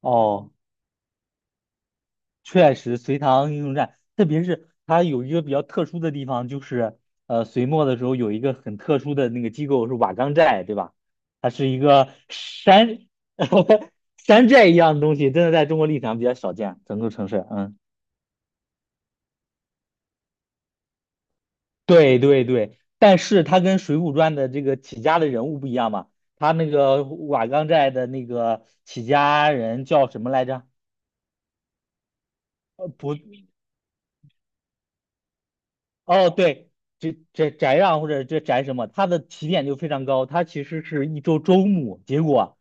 哦，确实，隋唐英雄传，特别是它有一个比较特殊的地方，就是隋末的时候有一个很特殊的那个机构是瓦岗寨，对吧？它是一个山 山寨一样的东西，真的在中国历史上比较少见，整个城市，嗯，对对对。但是它跟《水浒传》的这个起家的人物不一样嘛，他那个瓦岗寨的那个起家人叫什么来着？呃，不。哦，对，这宅让或者这宅什么，他的起点就非常高，他其实是一周牧，结果，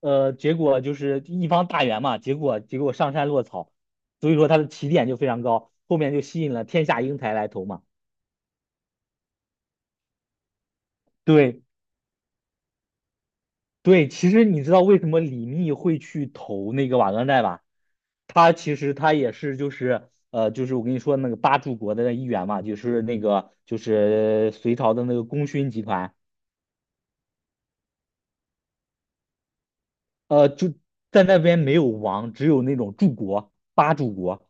呃，结果就是一方大员嘛，结果上山落草，所以说他的起点就非常高，后面就吸引了天下英才来投嘛。对对，其实你知道为什么李密会去投那个瓦岗寨吧？他其实他也是就是我跟你说那个八柱国的那一员嘛，就是那个就是隋朝的那个功勋集团。就在那边没有王，只有那种柱国、八柱国，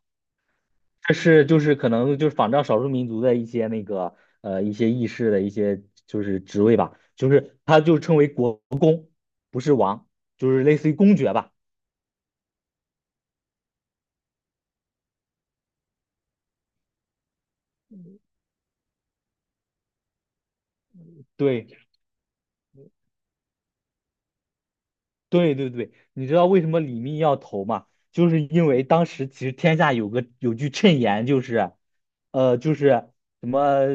这是就是可能就是仿照少数民族的一些那个一些议事的一些就是职位吧，就是他就称为国，不是王，就是类似于公爵吧。对。对对对，你知道为什么李密要投吗？就是因为当时其实天下有句谶言，就是，就是什么，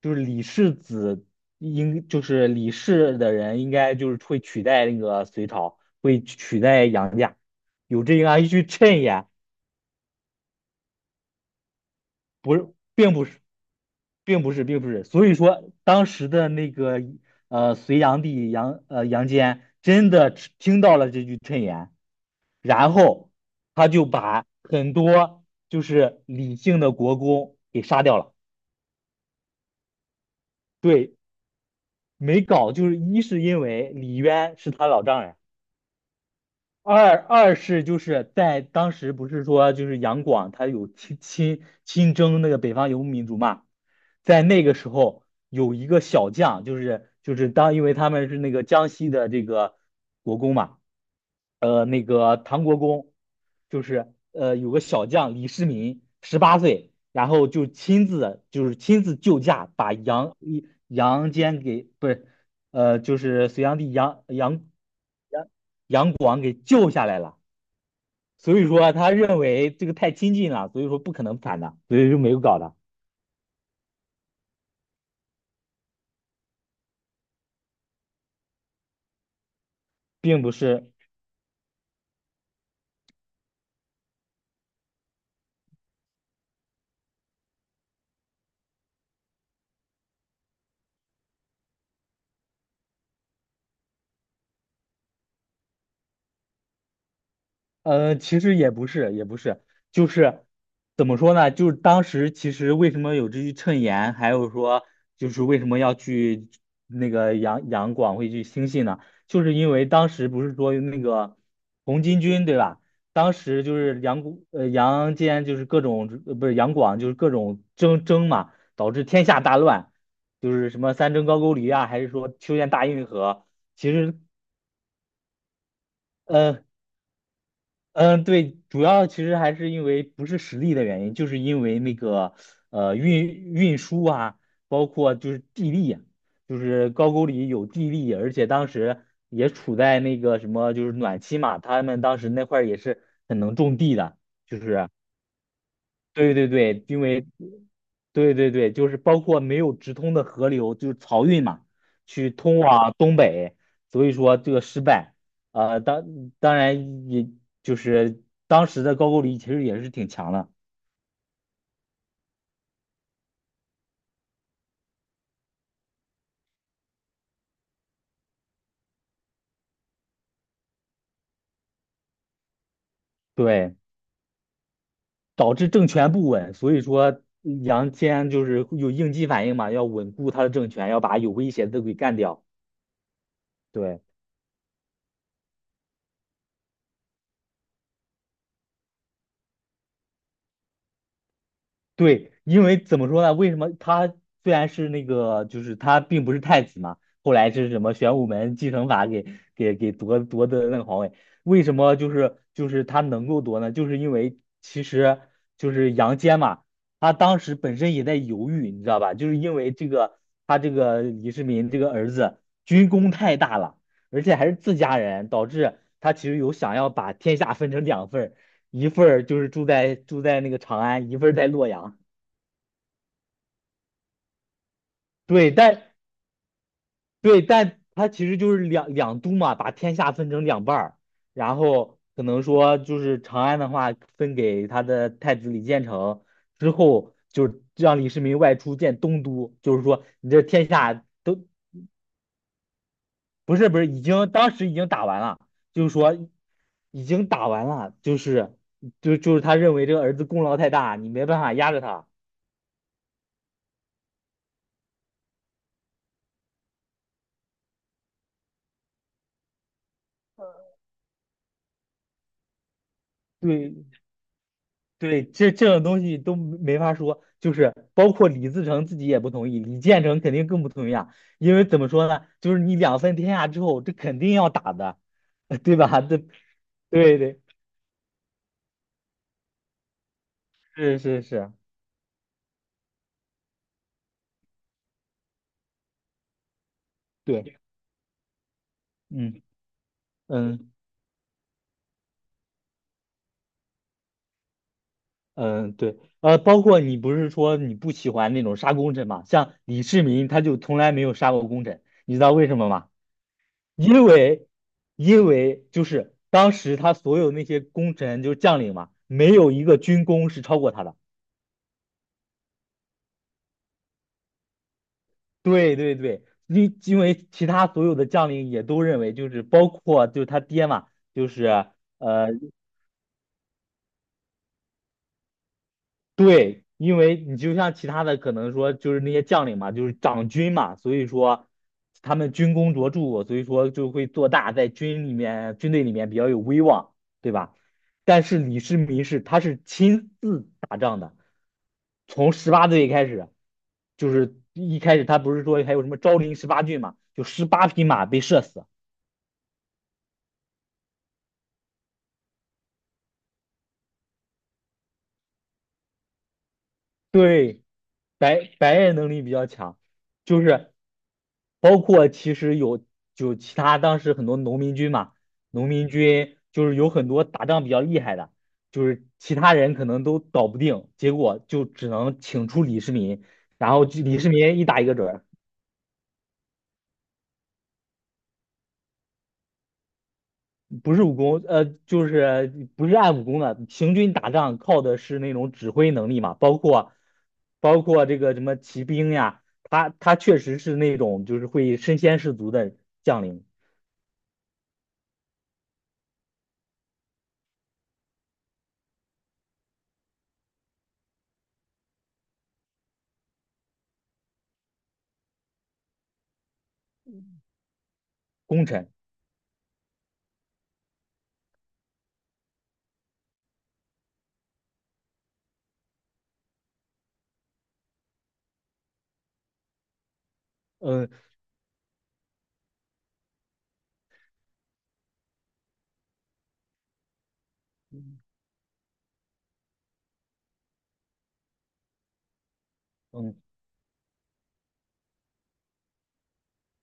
就是李氏子应就是李氏的人应该就是会取代那个隋朝，会取代杨家，有这样一句谶言，不是，并不是，并不是，并不是，所以说当时的那个隋炀帝杨坚真的听到了这句谶言。然后他就把很多就是李姓的国公给杀掉了。对，没搞，就是一是因为李渊是他老丈人，二是就是在当时不是说就是杨广他有亲征那个北方游牧民族嘛，在那个时候有一个小将，就是当因为他们是那个江西的这个国公嘛，那个唐国公，就是有个小将李世民十八岁，然后就亲自救驾把杨坚给不是就是隋炀帝杨广王给救下来了。所以说他认为这个太亲近了，所以说不可能反的，所以就没有搞的，并不是。其实也不是，也不是，就是怎么说呢？就是当时其实为什么有这句谶言，还有说就是为什么要去那个杨广会去兴信呢？就是因为当时不是说那个红巾军对吧？当时就是杨坚就是各种不是杨广就是各种争嘛，导致天下大乱，就是什么三征高句丽啊，还是说修建大运河，其实。呃，嗯，对，主要其实还是因为不是实力的原因，就是因为那个运输啊，包括就是地利啊，就是高句丽有地利，而且当时也处在那个什么就是暖期嘛，他们当时那块儿也是很能种地的，就是。对对对，因为对对对，就是包括没有直通的河流，就是漕运嘛，去通往东北，所以说这个失败。呃，当当然也就是当时的高句丽其实也是挺强的，对，导致政权不稳，所以说杨坚就是有应激反应嘛，要稳固他的政权，要把有威胁的给干掉。对。对，因为怎么说呢？为什么他虽然是那个，就是他并不是太子嘛，后来是什么玄武门继承法给夺得那个皇位？为什么就是他能够夺呢？就是因为其实就是杨坚嘛，他当时本身也在犹豫，你知道吧？就是因为这个他这个李世民这个儿子军功太大了，而且还是自家人，导致他其实有想要把天下分成两份儿。一份儿就是住在那个长安，一份儿在洛阳。对，但他其实就是两都嘛，把天下分成两半儿，然后可能说就是长安的话分给他的太子李建成，之后就是让李世民外出建东都，就是说你这天下都不是，不是已经，当时已经打完了，就是说已经打完了，就是他认为这个儿子功劳太大，你没办法压着他，对对，这种东西都没法说，就是包括李自成自己也不同意，李建成肯定更不同意啊，因为怎么说呢，就是你两分天下之后，这肯定要打的，对吧？对对对，是是是，对，嗯嗯嗯，对，包括你不是说你不喜欢那种杀功臣嘛，像李世民他就从来没有杀过功臣，你知道为什么吗？因为，因为就是当时他所有那些功臣就是将领嘛，没有一个军功是超过他的。对对对，因为其他所有的将领也都认为，就是包括就是他爹嘛，就是呃对，因为你就像其他的可能说就是那些将领嘛，就是长军嘛，所以说他们军功卓著，所以说就会做大，在军里面军队里面比较有威望，对吧？但是李世民是亲自打仗的。从十八岁开始，就是一开始他不是说还有什么昭陵十八骏嘛，就18匹马被射死。对，白人能力比较强，就是包括其实有就其他当时很多农民军嘛，农民军就是有很多打仗比较厉害的，就是其他人可能都搞不定，结果就只能请出李世民，然后就李世民一打一个准儿。不是武功，就是不是按武功的。行军打仗靠的是那种指挥能力嘛，包括这个什么骑兵呀，他确实是那种就是会身先士卒的将领功臣。嗯嗯，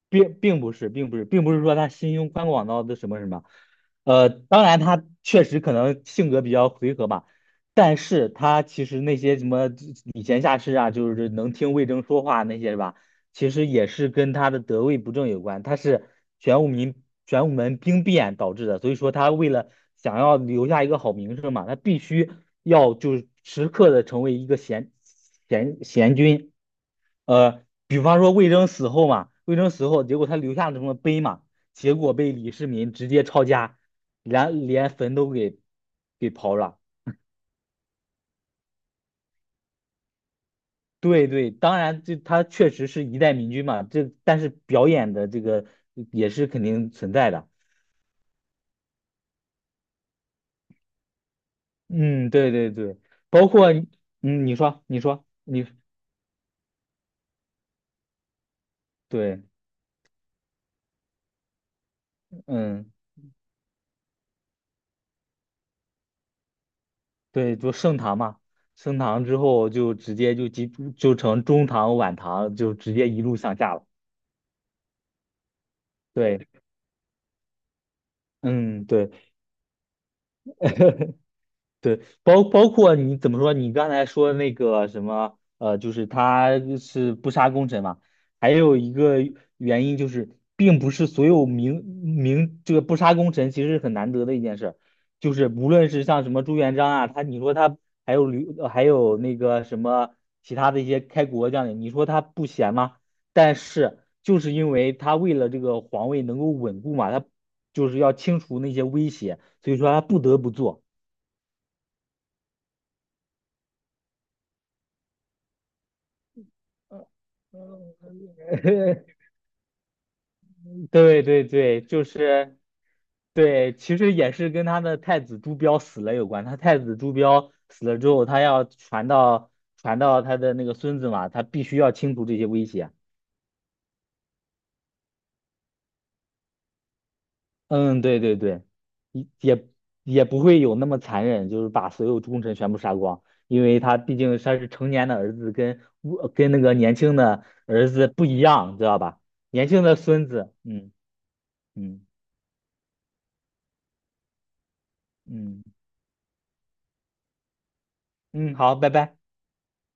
并不是，并不是，并不是说他心胸宽广到的什么什么，当然他确实可能性格比较回合吧，但是他其实那些什么礼贤下士啊，就是能听魏征说话那些是吧，其实也是跟他的得位不正有关，他是玄武门玄武门兵变导致的，所以说他为了想要留下一个好名声嘛，他必须要就是时刻的成为一个贤君。比方说魏征死后嘛，魏征死后，结果他留下了什么碑嘛，结果被李世民直接抄家，连坟都给刨了。对对，当然这他确实是一代明君嘛，这但是表演的这个也是肯定存在的。嗯，对对对，包括你。嗯，你说你对，嗯，对，就盛唐嘛，盛唐之后就直接就成中唐晚唐，就直接一路向下了。对。嗯，对，对，包括你怎么说？你刚才说那个什么，就是他是不杀功臣嘛，还有一个原因就是，并不是所有这个不杀功臣其实是很难得的一件事儿，就是无论是像什么朱元璋啊，他你说他还有吕，还有那个什么其他的一些开国将领，你说他不贤吗？但是就是因为他为了这个皇位能够稳固嘛，他就是要清除那些威胁，所以说他不得不做。对对对，就是对，其实也是跟他的太子朱标死了有关。他太子朱标死了之后，他要传到他的那个孙子嘛，他必须要清除这些威胁。嗯，对对对，也也也不会有那么残忍，就是把所有忠臣全部杀光，因为他毕竟他是成年的儿子跟，我跟那个年轻的儿子不一样，知道吧？年轻的孙子，嗯嗯嗯嗯，好，拜拜。